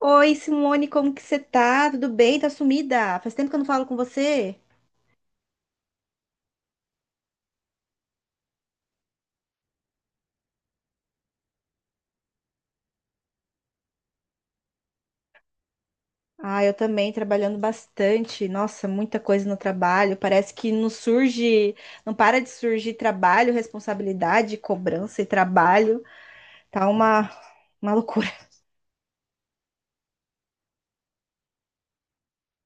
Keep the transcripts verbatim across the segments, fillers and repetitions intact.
Oi, Simone, como que você tá? Tudo bem? Tá sumida? Faz tempo que eu não falo com você. Ah, eu também, trabalhando bastante. Nossa, muita coisa no trabalho. Parece que não surge, não para de surgir trabalho, responsabilidade, cobrança e trabalho. Tá uma, uma loucura.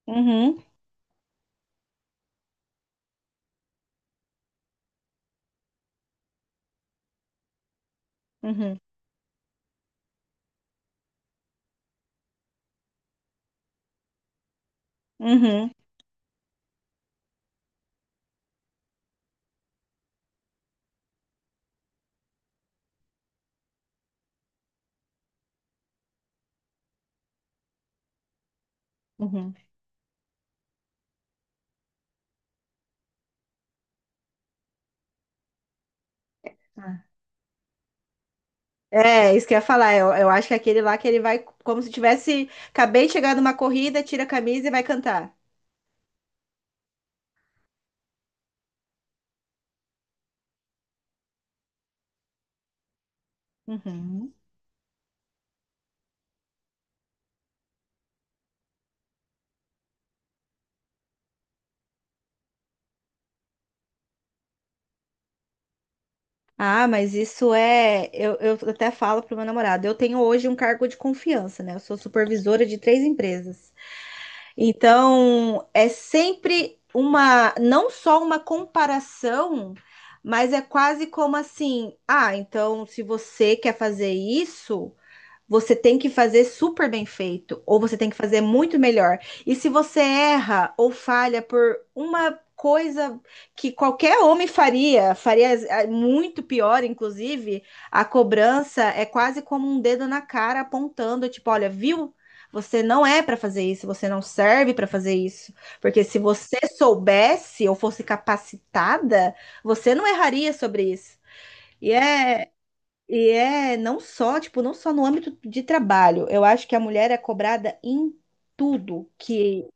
Uhum, uhum, uhum, uhum. Ah. É, isso que eu ia falar. Eu, eu acho que é aquele lá que ele vai como se tivesse. Acabei de chegar numa corrida, tira a camisa e vai cantar. Uhum. Ah, mas isso é. Eu, eu até falo para o meu namorado. Eu tenho hoje um cargo de confiança, né? Eu sou supervisora de três empresas. Então, é sempre uma. Não só uma comparação, mas é quase como assim: ah, então, se você quer fazer isso, você tem que fazer super bem feito, ou você tem que fazer muito melhor. E se você erra ou falha por uma coisa que qualquer homem faria, faria eh, muito pior, inclusive, a cobrança é quase como um dedo na cara apontando, tipo, olha, viu? Você não é para fazer isso, você não serve para fazer isso. Porque se você soubesse ou fosse capacitada, você não erraria sobre isso. E é, e é não só, tipo, não só no âmbito de trabalho. Eu acho que a mulher é cobrada em tudo que.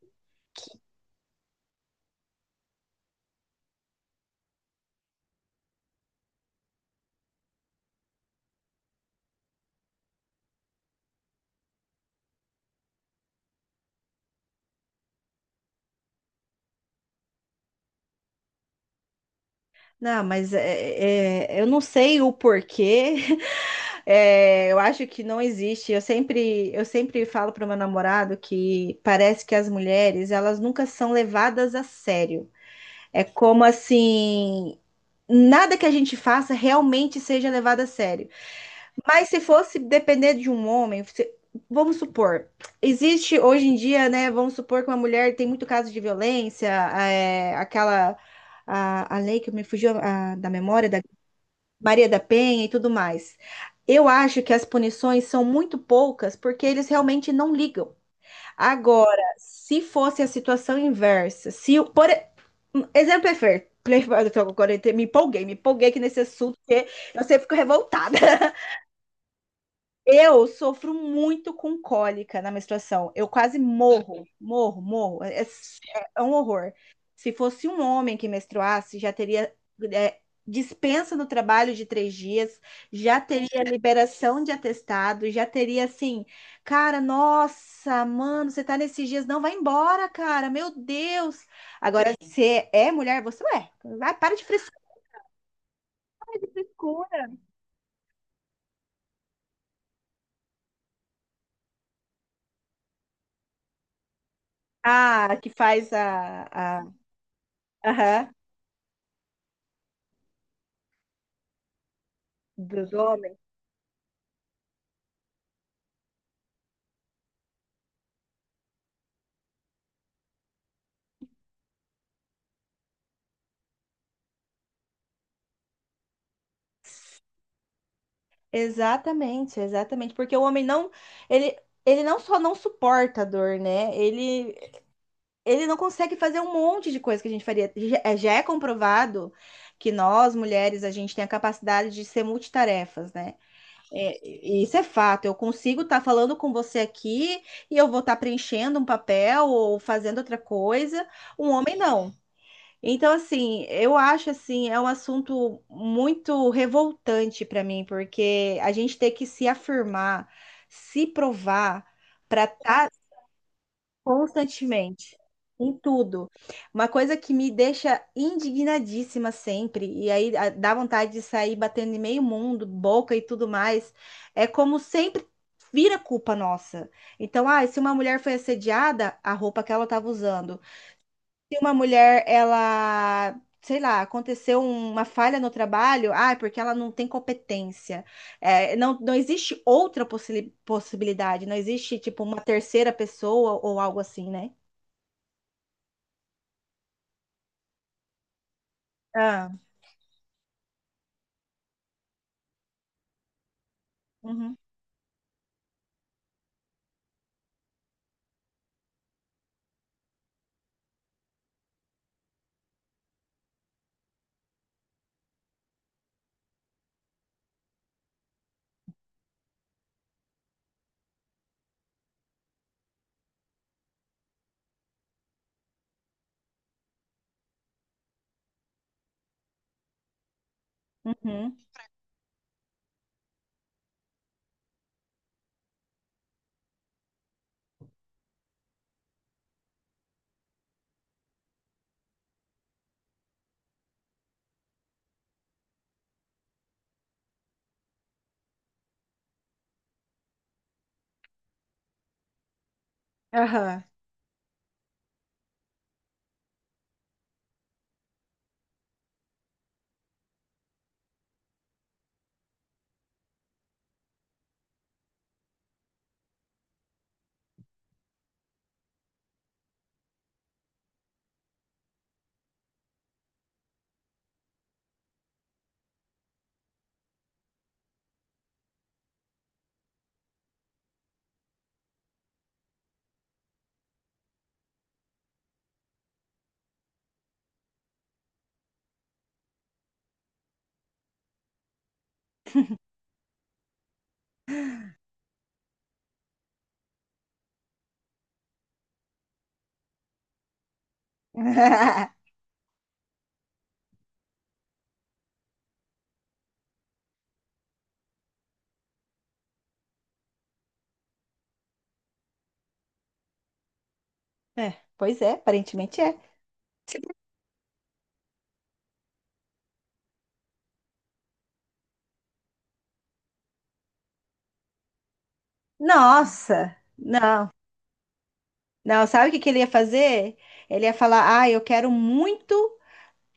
Não, mas é, é- é, eu não sei o porquê. É, eu acho que não existe. Eu sempre, eu sempre falo para o meu namorado que parece que as mulheres, elas nunca são levadas a sério. É como assim, nada que a gente faça realmente seja levado a sério. Mas se fosse depender de um homem, se- vamos supor, existe hoje em dia, né? Vamos supor que uma mulher tem muito caso de violência, é, aquela a, a lei que me fugiu a- da memória da Maria da Penha e tudo mais. Eu acho que as punições são muito poucas porque eles realmente não ligam. Agora, se fosse a situação inversa, se o- por um exemplo é fair. Agora eu me empolguei, me empolguei aqui nesse assunto, porque eu sempre fico revoltada. Eu sofro muito com cólica na menstruação. Eu quase morro, morro, morro. É, é é um horror. Se fosse um homem que menstruasse, já teria é, dispensa no trabalho de três dias, já teria liberação de atestado, já teria assim, cara, nossa, mano, você tá nesses dias, não, vai embora, cara, meu Deus. Agora, se é mulher, você é. Vai, para de frescura, de frescura. Ah, que faz a, a, aham, do, do homem. Exatamente, exatamente, porque o homem não, ele, ele não só não suporta a dor, né? Ele, ele não consegue fazer um monte de coisa que a gente faria. Já é já é comprovado que nós, mulheres, a gente tem a capacidade de ser multitarefas, né? É, e isso é fato. Eu consigo estar falando com você aqui e eu vou estar preenchendo um papel ou fazendo outra coisa. Um homem não. Então, assim, eu acho assim, é um assunto muito revoltante para mim, porque a gente tem que se afirmar, se provar para estar constantemente em tudo. Uma coisa que me deixa indignadíssima sempre, e aí a- dá vontade de sair batendo em meio mundo, boca e tudo mais, é como sempre vira culpa nossa. Então, ah, se uma mulher foi assediada, a roupa que ela estava usando, se uma mulher, ela, sei lá, aconteceu uma falha no trabalho, ah, é porque ela não tem competência. É, não, não existe outra possi- possibilidade, não existe, tipo, uma terceira pessoa ou algo assim, né? Ah, uhum, uhum, aham. É, pois é, aparentemente é. Nossa, não. Não, sabe o que que ele ia fazer? Ele ia falar: Ah, eu quero muito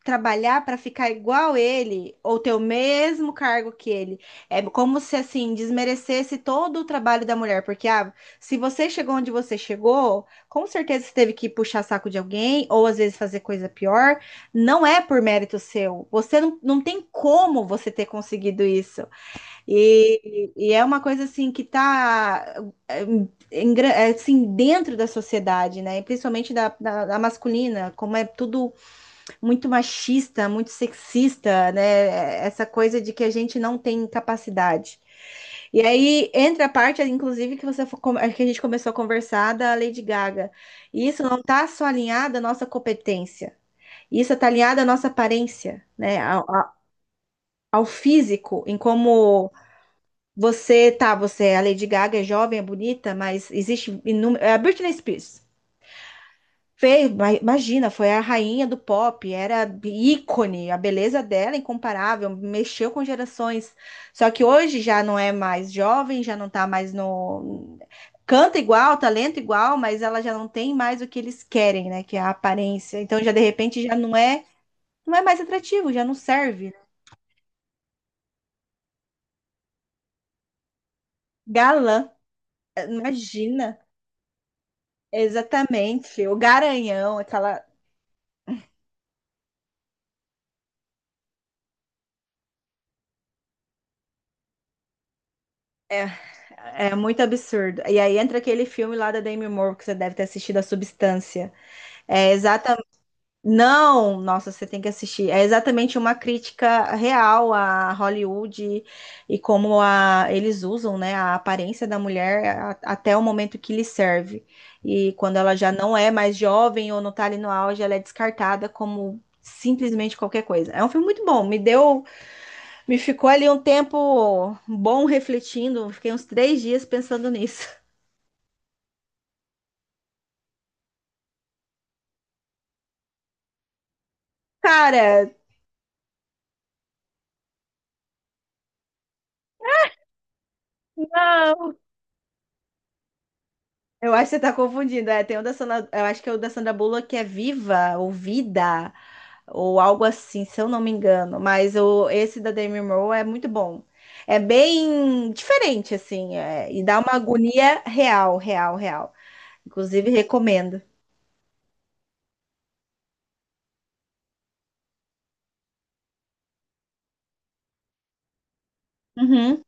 trabalhar para ficar igual ele ou ter o mesmo cargo que ele. É como se assim desmerecesse todo o trabalho da mulher, porque ah, se você chegou onde você chegou, com certeza você teve que puxar saco de alguém ou às vezes fazer coisa pior, não é por mérito seu. Você não, não tem como você ter conseguido isso. E, e é uma coisa assim que tá é, engra- é, assim dentro da sociedade, né? E principalmente da, da da masculina, como é tudo muito machista, muito sexista, né? Essa coisa de que a gente não tem capacidade. E aí entra a parte, inclusive, que você que a gente começou a conversar da Lady Gaga. E isso não está só alinhado à nossa competência. Isso está alinhado à nossa aparência, né? Ao, a- ao físico, em como você tá, você, é, a Lady Gaga é jovem, é bonita, mas existe inúmero. É a Britney Spears. Fez, ma- imagina, foi a rainha do pop, era ícone, a beleza dela é incomparável, mexeu com gerações. Só que hoje já não é mais jovem, já não tá mais no. Canta igual, talento igual, mas ela já não tem mais o que eles querem, né? Que é a aparência. Então já de repente já não é, não é mais atrativo, já não serve. Galã, imagina. Exatamente, o Garanhão, aquela. É muito absurdo. E aí entra aquele filme lá da Demi Moore que você deve ter assistido, A Substância. É exatamente. Não, nossa, você tem que assistir. É exatamente uma crítica real a Hollywood e como a, eles usam, né, a aparência da mulher a- até o momento que lhe serve. E quando ela já não é mais jovem ou não tá ali no auge, ela é descartada como simplesmente qualquer coisa. É um filme muito bom. Me deu, me ficou ali um tempo bom refletindo. Fiquei uns três dias pensando nisso. Cara, eu acho que você tá confundindo. É, tem o da Sandra, eu acho que é o da Sandra Bullock que é Viva ou Vida ou algo assim, se eu não me engano. Mas o, esse da Demi Moore é muito bom. É bem diferente, assim, é, e dá uma agonia real, real, real. Inclusive, recomendo. Uhum.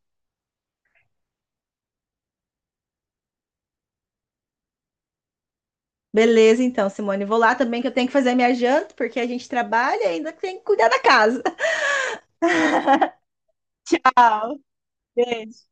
Beleza, então, Simone. Vou lá também que eu tenho que fazer minha janta, porque a gente trabalha e ainda tem que cuidar da casa.